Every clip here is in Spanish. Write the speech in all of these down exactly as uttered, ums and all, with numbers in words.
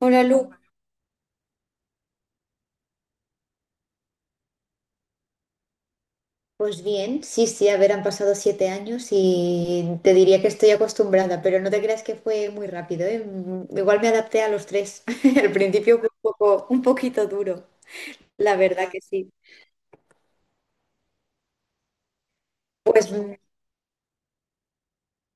Hola Lu. Pues bien, sí, sí, a ver, han pasado siete años y te diría que estoy acostumbrada, pero no te creas que fue muy rápido, ¿eh? Mm, Igual me adapté a los tres. Al principio fue un poco, un poquito duro, la verdad que sí. Pues mm,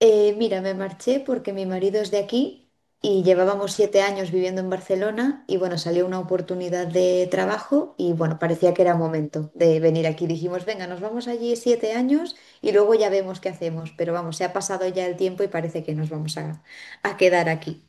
Eh, mira, me marché porque mi marido es de aquí y llevábamos siete años viviendo en Barcelona. Y bueno, salió una oportunidad de trabajo y bueno, parecía que era momento de venir aquí. Dijimos, venga, nos vamos allí siete años y luego ya vemos qué hacemos, pero vamos, se ha pasado ya el tiempo y parece que nos vamos a, a quedar aquí.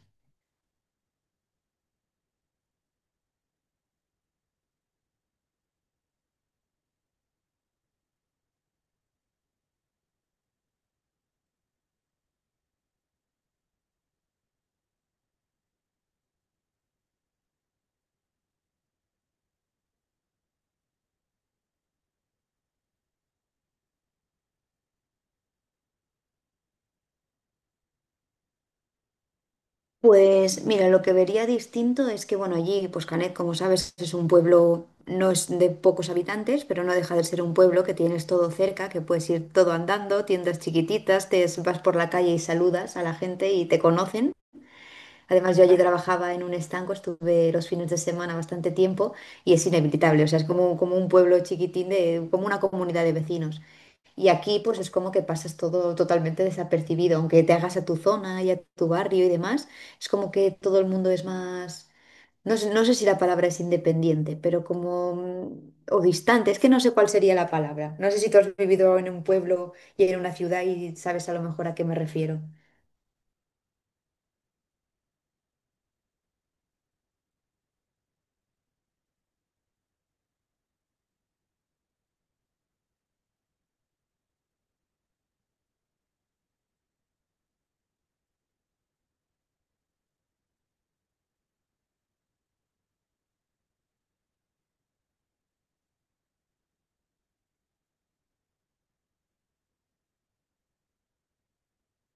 Pues mira, lo que vería distinto es que, bueno, allí, pues Canet, como sabes, es un pueblo, no es de pocos habitantes, pero no deja de ser un pueblo que tienes todo cerca, que puedes ir todo andando, tiendas chiquititas, te es- vas por la calle y saludas a la gente y te conocen. Además, yo allí trabajaba en un estanco, estuve los fines de semana bastante tiempo, y es inevitable, o sea, es como, como un pueblo chiquitín de, como una comunidad de vecinos. Y aquí pues es como que pasas todo totalmente desapercibido, aunque te hagas a tu zona y a tu barrio y demás, es como que todo el mundo es más, no sé, no sé si la palabra es independiente, pero como, mm, o distante, es que no sé cuál sería la palabra. No sé si tú has vivido en un pueblo y en una ciudad y sabes a lo mejor a qué me refiero.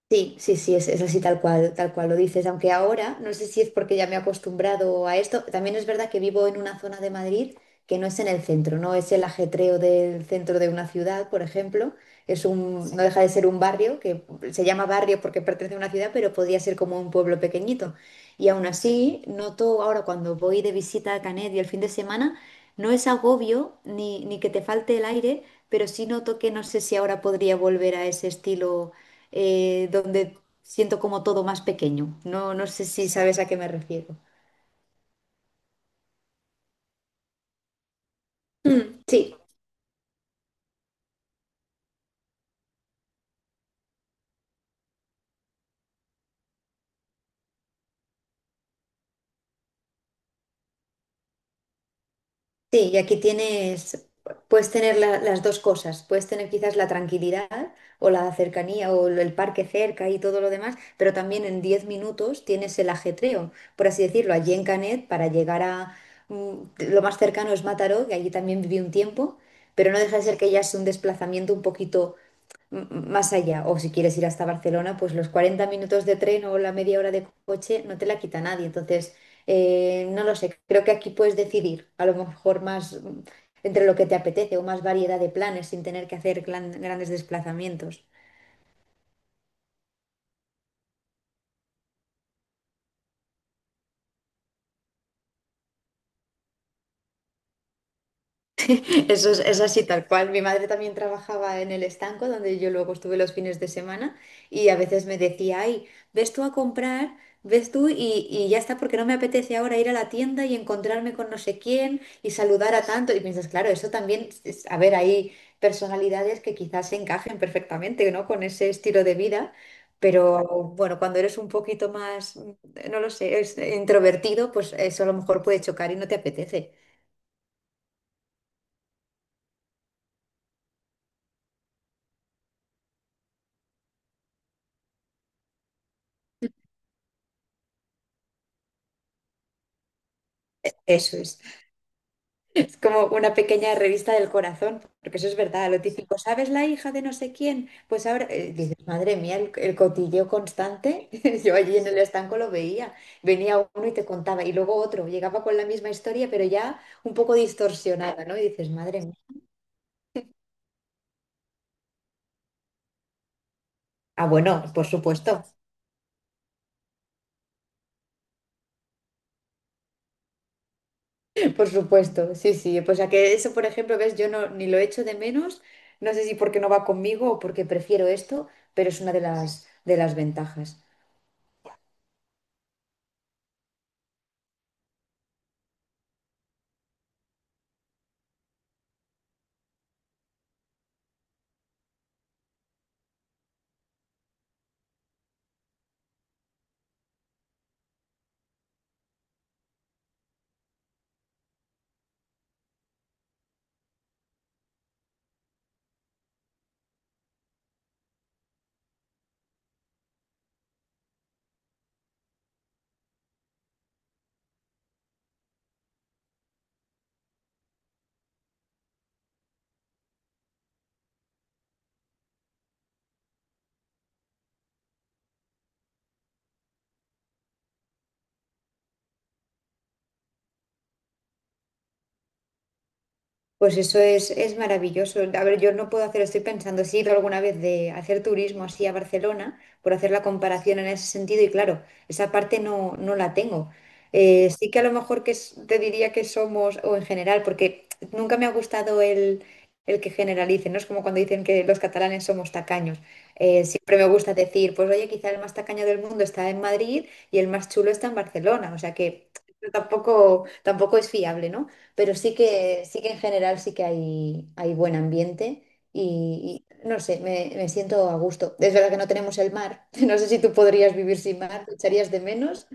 Sí, sí, sí, es, es así tal cual, tal cual lo dices, aunque ahora no sé si es porque ya me he acostumbrado a esto. También es verdad que vivo en una zona de Madrid que no es en el centro, no es el ajetreo del centro de una ciudad, por ejemplo, es un, no deja de ser un barrio que se llama barrio porque pertenece a una ciudad, pero podría ser como un pueblo pequeñito. Y aún así, noto ahora cuando voy de visita a Canet y el fin de semana, no es agobio ni, ni que te falte el aire, pero sí noto que no sé si ahora podría volver a ese estilo eh, donde siento como todo más pequeño. No, no sé si sabes a qué me refiero. Mm, sí, sí, y aquí tienes, puedes tener la- las dos cosas. Puedes tener quizás la tranquilidad o la cercanía o el parque cerca y todo lo demás, pero también en diez minutos tienes el ajetreo, por así decirlo. Allí en Canet, para llegar a mm, lo más cercano es Mataró, que allí también viví un tiempo. Pero no deja de ser que ya es un desplazamiento un poquito m- más allá. O si quieres ir hasta Barcelona, pues los cuarenta minutos de tren o la media hora de coche no te la quita nadie. Entonces, eh, no lo sé, creo que aquí puedes decidir a lo mejor más, mm, entre lo que te apetece o más variedad de planes sin tener que hacer gran- grandes desplazamientos. Eso es, es así tal cual. Mi madre también trabajaba en el estanco donde yo luego estuve los fines de semana, y a veces me decía, ay, ves tú a comprar, ves tú, y, y ya está porque no me apetece ahora ir a la tienda y encontrarme con no sé quién y saludar a tanto. Y piensas, claro, eso también, es- a ver, hay personalidades que quizás se encajen perfectamente, ¿no? Con ese estilo de vida. Pero bueno, cuando eres un poquito más, no lo sé, es introvertido, pues eso a lo mejor puede chocar y no te apetece. Eso es. Es como una pequeña revista del corazón, porque eso es verdad, lo típico, ¿sabes la hija de no sé quién? Pues ahora, eh, dices, madre mía, el, el cotilleo constante. Yo allí en el estanco lo veía, venía uno y te contaba, y luego otro, llegaba con la misma historia, pero ya un poco distorsionada, ¿no? Y dices, madre mía. Ah, bueno, por supuesto. Por supuesto, sí, sí, pues a que eso, por ejemplo, ves, yo no, ni lo echo de menos, no sé si porque no va conmigo o porque prefiero esto, pero es una de las, de las ventajas. Pues eso es, es maravilloso. A ver, yo no puedo hacer, estoy pensando, si he ido alguna vez de hacer turismo así a Barcelona, por hacer la comparación en ese sentido, y claro, esa parte no, no la tengo. Eh, sí que a lo mejor que es- te diría que somos, o en general, porque nunca me ha gustado el, el que generalicen, ¿no? Es como cuando dicen que los catalanes somos tacaños. Eh, siempre me gusta decir, pues oye, quizá el más tacaño del mundo está en Madrid y el más chulo está en Barcelona, o sea que tampoco, tampoco es fiable, ¿no? Pero sí que, sí que en general sí que hay, hay buen ambiente y, y no sé, me, me siento a gusto. Es verdad que no tenemos el mar. No sé si tú podrías vivir sin mar, ¿te echarías de menos?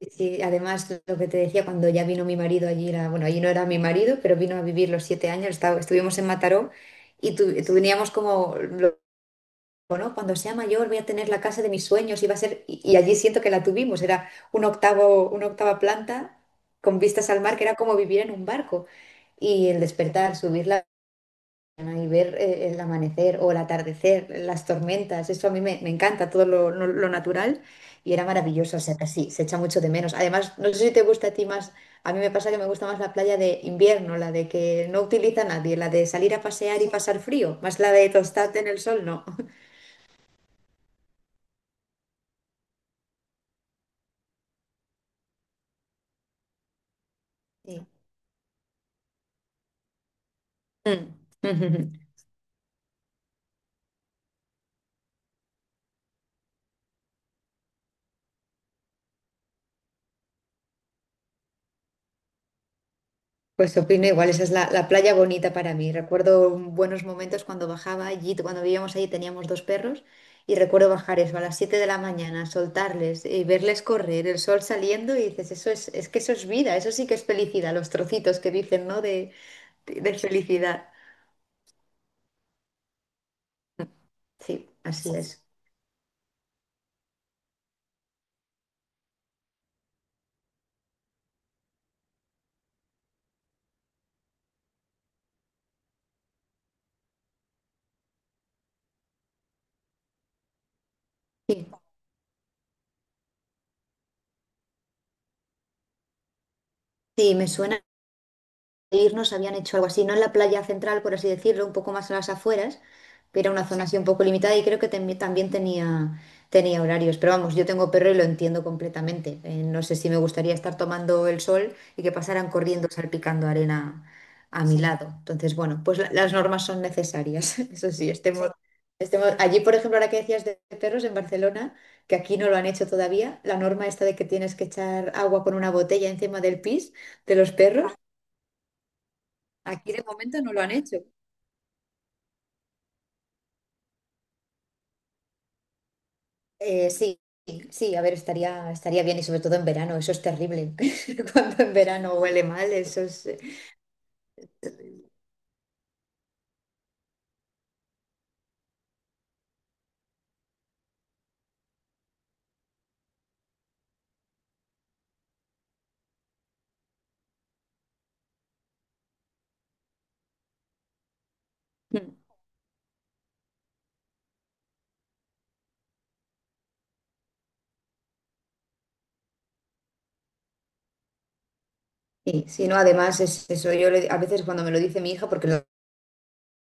Y sí, además, lo que te decía, cuando ya vino mi marido allí, era, bueno, allí no era mi marido, pero vino a vivir los siete años, estaba- estuvimos en Mataró y tu- teníamos como lo- ¿no? Cuando sea mayor voy a tener la casa de mis sueños y va a ser, y, y allí siento que la tuvimos, era un octavo, una octava planta con vistas al mar, que era como vivir en un barco. Y el despertar, subir la ventana y ver, eh, el amanecer o el atardecer, las tormentas, eso a mí me, me encanta, todo lo, lo- lo natural, y era maravilloso, o sea que sí, se echa mucho de menos. Además, no sé si te gusta a ti más, a mí me pasa que me gusta más la playa de invierno, la de que no utiliza nadie, la de salir a pasear y pasar frío, más la de tostarte en el sol, no. Mm. Ujujujú. Pues opino igual, esa es la, la playa bonita para mí. Recuerdo buenos momentos cuando bajaba allí, cuando vivíamos allí teníamos dos perros, y recuerdo bajar eso a las siete de la mañana, soltarles y verles correr, el sol saliendo, y dices, eso es, es que eso es vida, eso sí que es felicidad, los trocitos que dicen, ¿no? De, de de felicidad. Sí, así es. Sí, sí, me suena. Irnos habían hecho algo así, no en la playa central, por así decirlo, un poco más a las afueras, pero una zona así un poco limitada, y creo que tem- también tenía, tenía horarios. Pero vamos, yo tengo perro y lo entiendo completamente. Eh, no sé si me gustaría estar tomando el sol y que pasaran corriendo salpicando arena a mi, sí, lado. Entonces, bueno, pues la- las normas son necesarias. Eso sí, estemos, sí. Estemos. Allí, por ejemplo, ahora que decías de perros en Barcelona, que aquí no lo han hecho todavía, la norma esta de que tienes que echar agua con una botella encima del pis de los perros. Aquí de momento no lo han hecho. Eh, sí, sí, a ver, estaría, estaría bien, y sobre todo en verano, eso es terrible. Cuando en verano huele mal, eso es. eh, Y si no, además, es eso, yo le- a veces cuando me lo dice mi hija, porque lo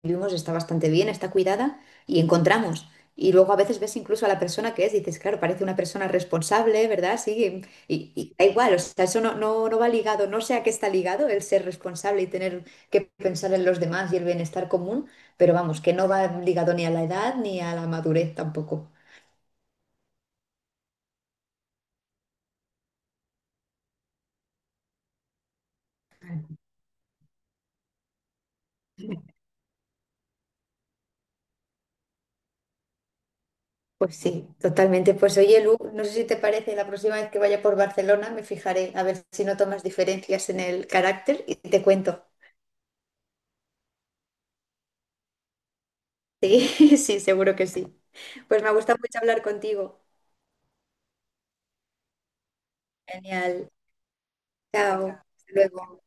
vivimos, está bastante bien, está cuidada y encontramos. Y luego a veces ves incluso a la persona que es, dices, claro, parece una persona responsable, ¿verdad? Sí, y, y da igual, o sea, eso no, no, no va ligado, no sé a qué está ligado el ser responsable y tener que pensar en los demás y el bienestar común, pero vamos, que no va ligado ni a la edad ni a la madurez tampoco. Pues sí, totalmente. Pues oye, Lu, no sé si te parece, la próxima vez que vaya por Barcelona me fijaré a ver si no tomas diferencias en el carácter y te cuento. Sí, sí, seguro que sí. Pues me ha gustado mucho hablar contigo. Genial. Chao. Hasta luego.